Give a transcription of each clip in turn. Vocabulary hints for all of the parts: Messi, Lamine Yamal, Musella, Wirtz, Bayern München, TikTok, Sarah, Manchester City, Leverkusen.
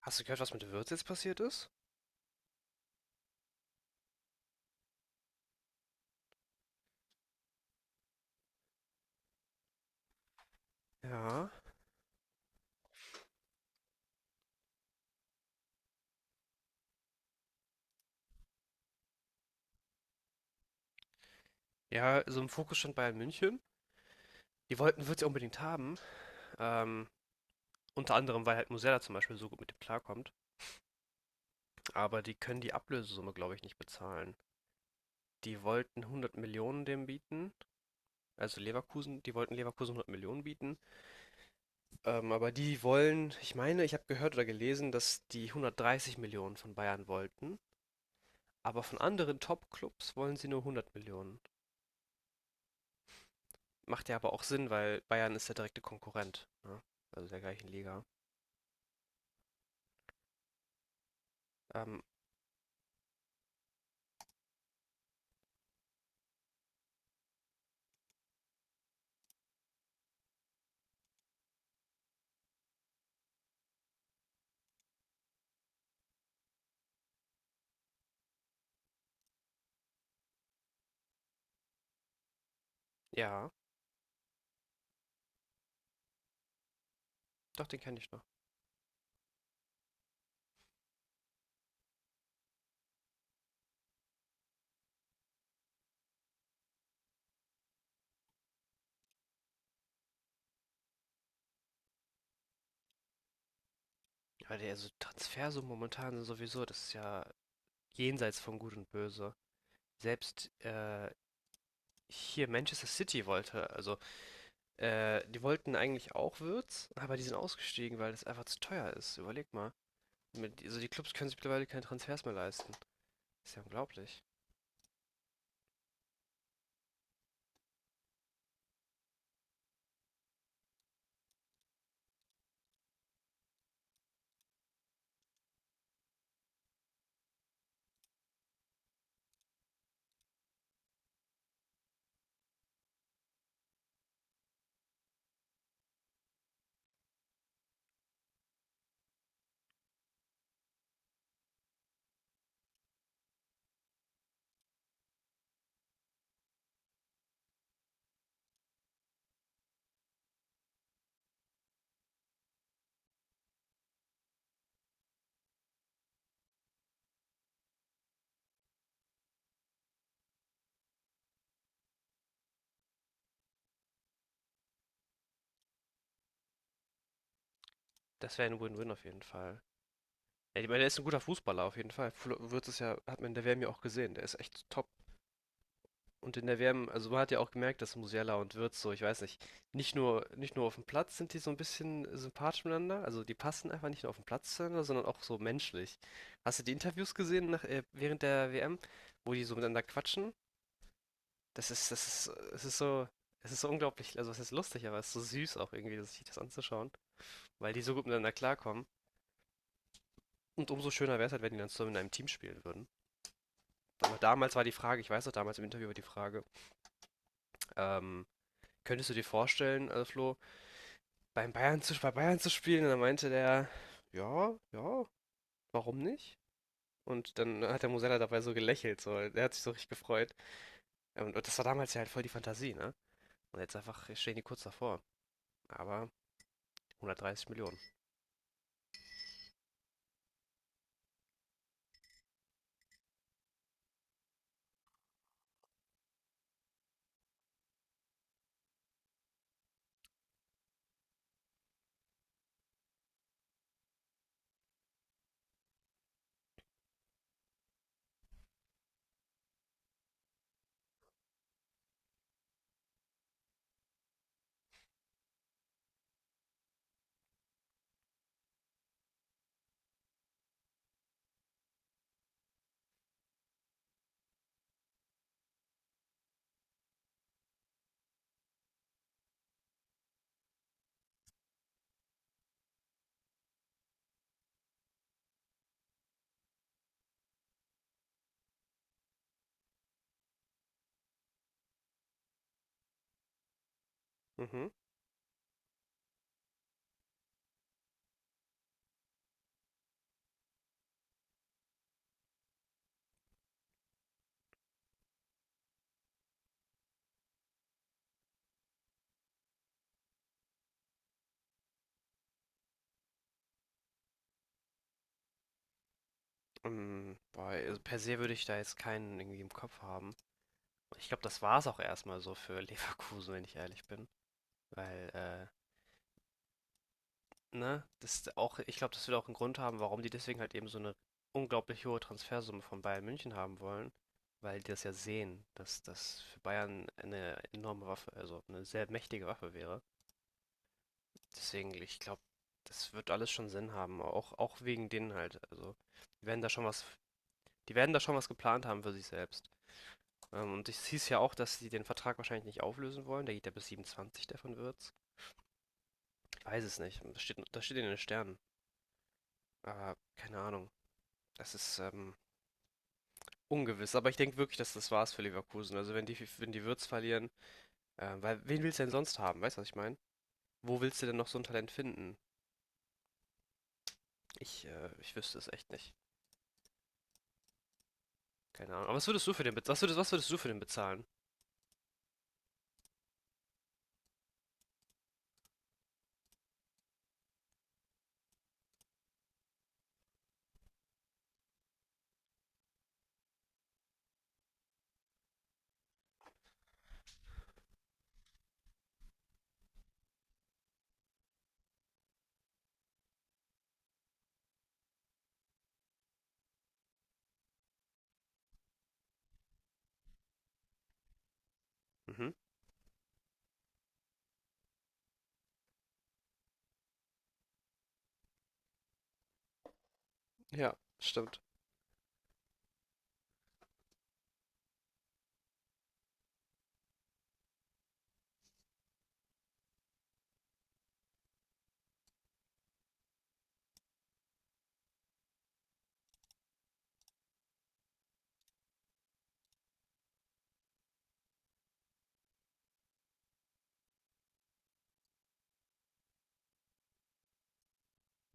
Hast du gehört, was mit Wirtz jetzt passiert ist? Ja. Ja, so im Fokus stand Bayern München. Die wollten Wirtz ja unbedingt haben. Ähm, Unter anderem, weil halt Musella zum Beispiel so gut mit dem klarkommt. Aber die können die Ablösesumme, glaube ich, nicht bezahlen. Die wollten 100 Millionen dem bieten. Also Leverkusen, die wollten Leverkusen 100 Millionen bieten. Aber die wollen, ich meine, ich habe gehört oder gelesen, dass die 130 Millionen von Bayern wollten. Aber von anderen Top-Clubs wollen sie nur 100 Millionen. Macht ja aber auch Sinn, weil Bayern ist der direkte Konkurrent, ne? Also der gleichen Liga. Ähm, ja, doch, den kenne ich noch. Ja, der also Transfersummen momentan sind sowieso, das ist ja jenseits von Gut und Böse. Selbst hier Manchester City wollte, also die wollten eigentlich auch Würz, aber die sind ausgestiegen, weil das einfach zu teuer ist. Überleg mal. Mit, also die Clubs können sich mittlerweile keine Transfers mehr leisten. Ist ja unglaublich. Das wäre ein Win-Win auf jeden Fall. Ja, ich meine, der ist ein guter Fußballer auf jeden Fall. Wirtz ist ja, hat man in der WM ja auch gesehen, der ist echt top. Und in der WM, also man hat ja auch gemerkt, dass Musiala und Wirtz so, ich weiß nicht, nicht nur auf dem Platz sind die so ein bisschen sympathisch miteinander, also die passen einfach nicht nur auf dem Platz zueinander, sondern auch so menschlich. Hast du die Interviews gesehen nach, während der WM, wo die so miteinander quatschen? Das ist, das ist, es ist so, es ist so unglaublich, also es ist lustig, aber es ist so süß auch irgendwie, sich das anzuschauen, weil die so gut miteinander klarkommen. Und umso schöner wäre es halt, wenn die dann zusammen in einem Team spielen würden. Aber damals war die Frage, ich weiß noch, damals im Interview war die Frage, ähm, könntest du dir vorstellen, Flo, bei Bayern zu spielen? Und dann meinte der, ja, warum nicht? Und dann hat der Musella dabei so gelächelt, so, der hat sich so richtig gefreut. Und das war damals ja halt voll die Fantasie, ne? Und jetzt einfach stehen die kurz davor. Aber 130 Millionen. Mhm. Boah, also per se würde ich da jetzt keinen irgendwie im Kopf haben. Ich glaube, das war es auch erstmal so für Leverkusen, wenn ich ehrlich bin. Weil ne? Das ist auch ich glaube, das wird auch 'n Grund haben, warum die deswegen halt eben so eine unglaublich hohe Transfersumme von Bayern München haben wollen, weil die das ja sehen, dass das für Bayern eine enorme Waffe also eine sehr mächtige Waffe wäre. Deswegen, ich glaube, das wird alles schon Sinn haben, auch wegen denen halt. Also, die werden da schon was die werden da schon was geplant haben für sich selbst. Und es hieß ja auch, dass sie den Vertrag wahrscheinlich nicht auflösen wollen. Der geht ja bis 27, der von Wirtz. Ich weiß es nicht. Das steht in den Sternen, aber keine Ahnung. Das ist, ähm Ungewiss, aber ich denke wirklich, dass das war's für Leverkusen. Also wenn die Wirtz verlieren, weil wen willst du denn sonst haben? Weißt du, was ich meine? Wo willst du denn noch so ein Talent finden? Ich wüsste es echt nicht. Keine Ahnung. Aber was würdest du für den bezahlen? Was würdest du für den bezahlen? Mhm. Ja, stimmt.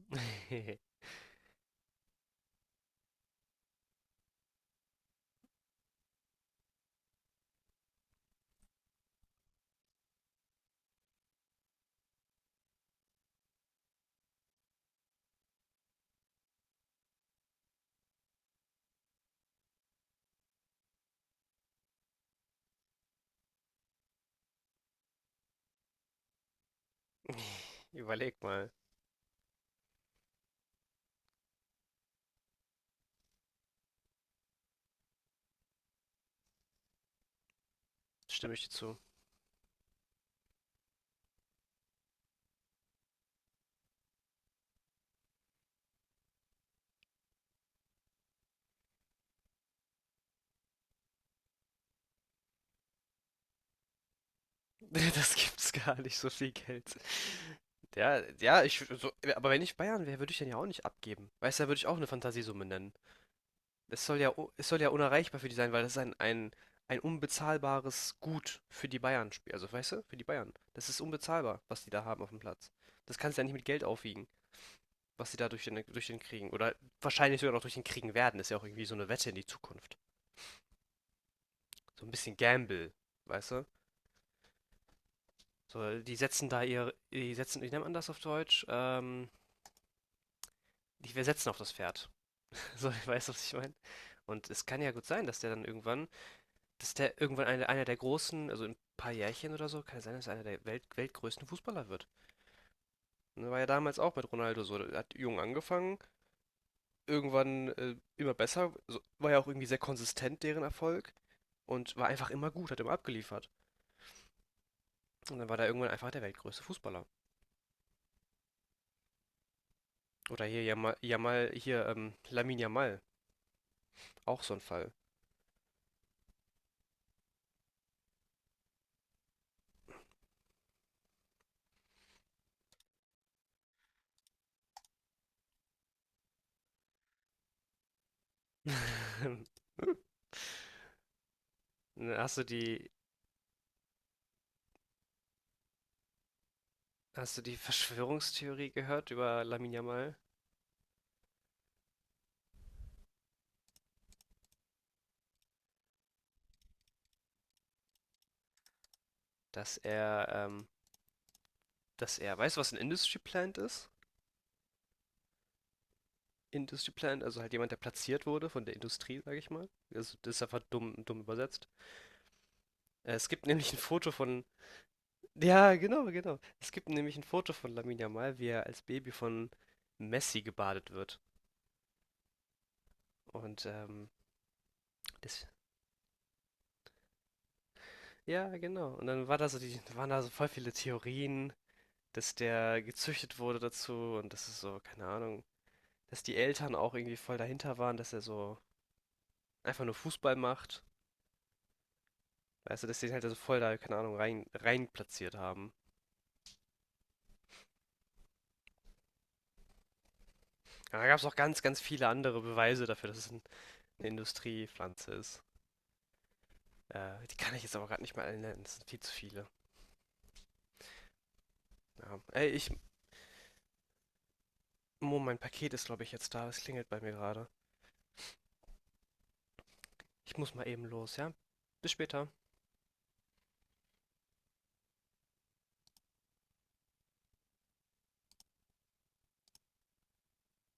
Überleg mal. Stimme ich dir zu. Das gibt's gar nicht, so viel Geld. Aber wenn ich Bayern wäre, würde ich den ja auch nicht abgeben. Weißt du, da würde ich auch eine Fantasiesumme nennen. Es soll ja unerreichbar für die sein, weil das ist ein unbezahlbares Gut für die Bayern spielt. Also, weißt du, für die Bayern. Das ist unbezahlbar, was die da haben auf dem Platz. Das kannst du ja nicht mit Geld aufwiegen, was sie da durch den kriegen. Oder wahrscheinlich sogar noch durch den kriegen werden. Ist ja auch irgendwie so eine Wette in die Zukunft. So ein bisschen Gamble, weißt du? So, die setzen, wie nennt man das auf Deutsch? Die wir setzen auf das Pferd. So, weißt du, was ich meine? Und es kann ja gut sein, dass der irgendwann einer der großen, also in ein paar Jährchen oder so, kann es sein, dass er einer der weltgrößten Fußballer wird. Ne, war ja damals auch mit Ronaldo so. Er hat jung angefangen, irgendwann immer besser, so, war ja auch irgendwie sehr konsistent, deren Erfolg. Und war einfach immer gut, hat immer abgeliefert. Und dann war da irgendwann einfach der weltgrößte Fußballer. Oder hier Yamal hier Lamine Yamal, auch so ein Fall. Hast du die, hast du die Verschwörungstheorie gehört über Lamine Yamal? Dass er ähm, Dass er weißt du, was ein Industry Plant ist? Industry Plant, also halt jemand, der platziert wurde von der Industrie, sage ich mal. Also, das ist einfach dumm übersetzt. Es gibt nämlich ein Foto von ja, genau, genau. Es gibt nämlich ein Foto von Lamine Yamal, wie er als Baby von Messi gebadet wird. Und, das ja, genau. Und dann war da so die waren da so voll viele Theorien, dass der gezüchtet wurde dazu und das ist so keine Ahnung, dass die Eltern auch irgendwie voll dahinter waren, dass er so einfach nur Fußball macht. Weißt du, dass die halt also voll da, keine Ahnung, rein platziert haben. Aber da gab es auch ganz viele andere Beweise dafür, dass es ein, eine Industriepflanze ist. Die kann ich jetzt aber gerade nicht mal alle nennen, es sind viel zu viele. Ja. Mo, mein Paket ist, glaube ich, jetzt da. Es klingelt bei mir gerade. Ich muss mal eben los, ja? Bis später.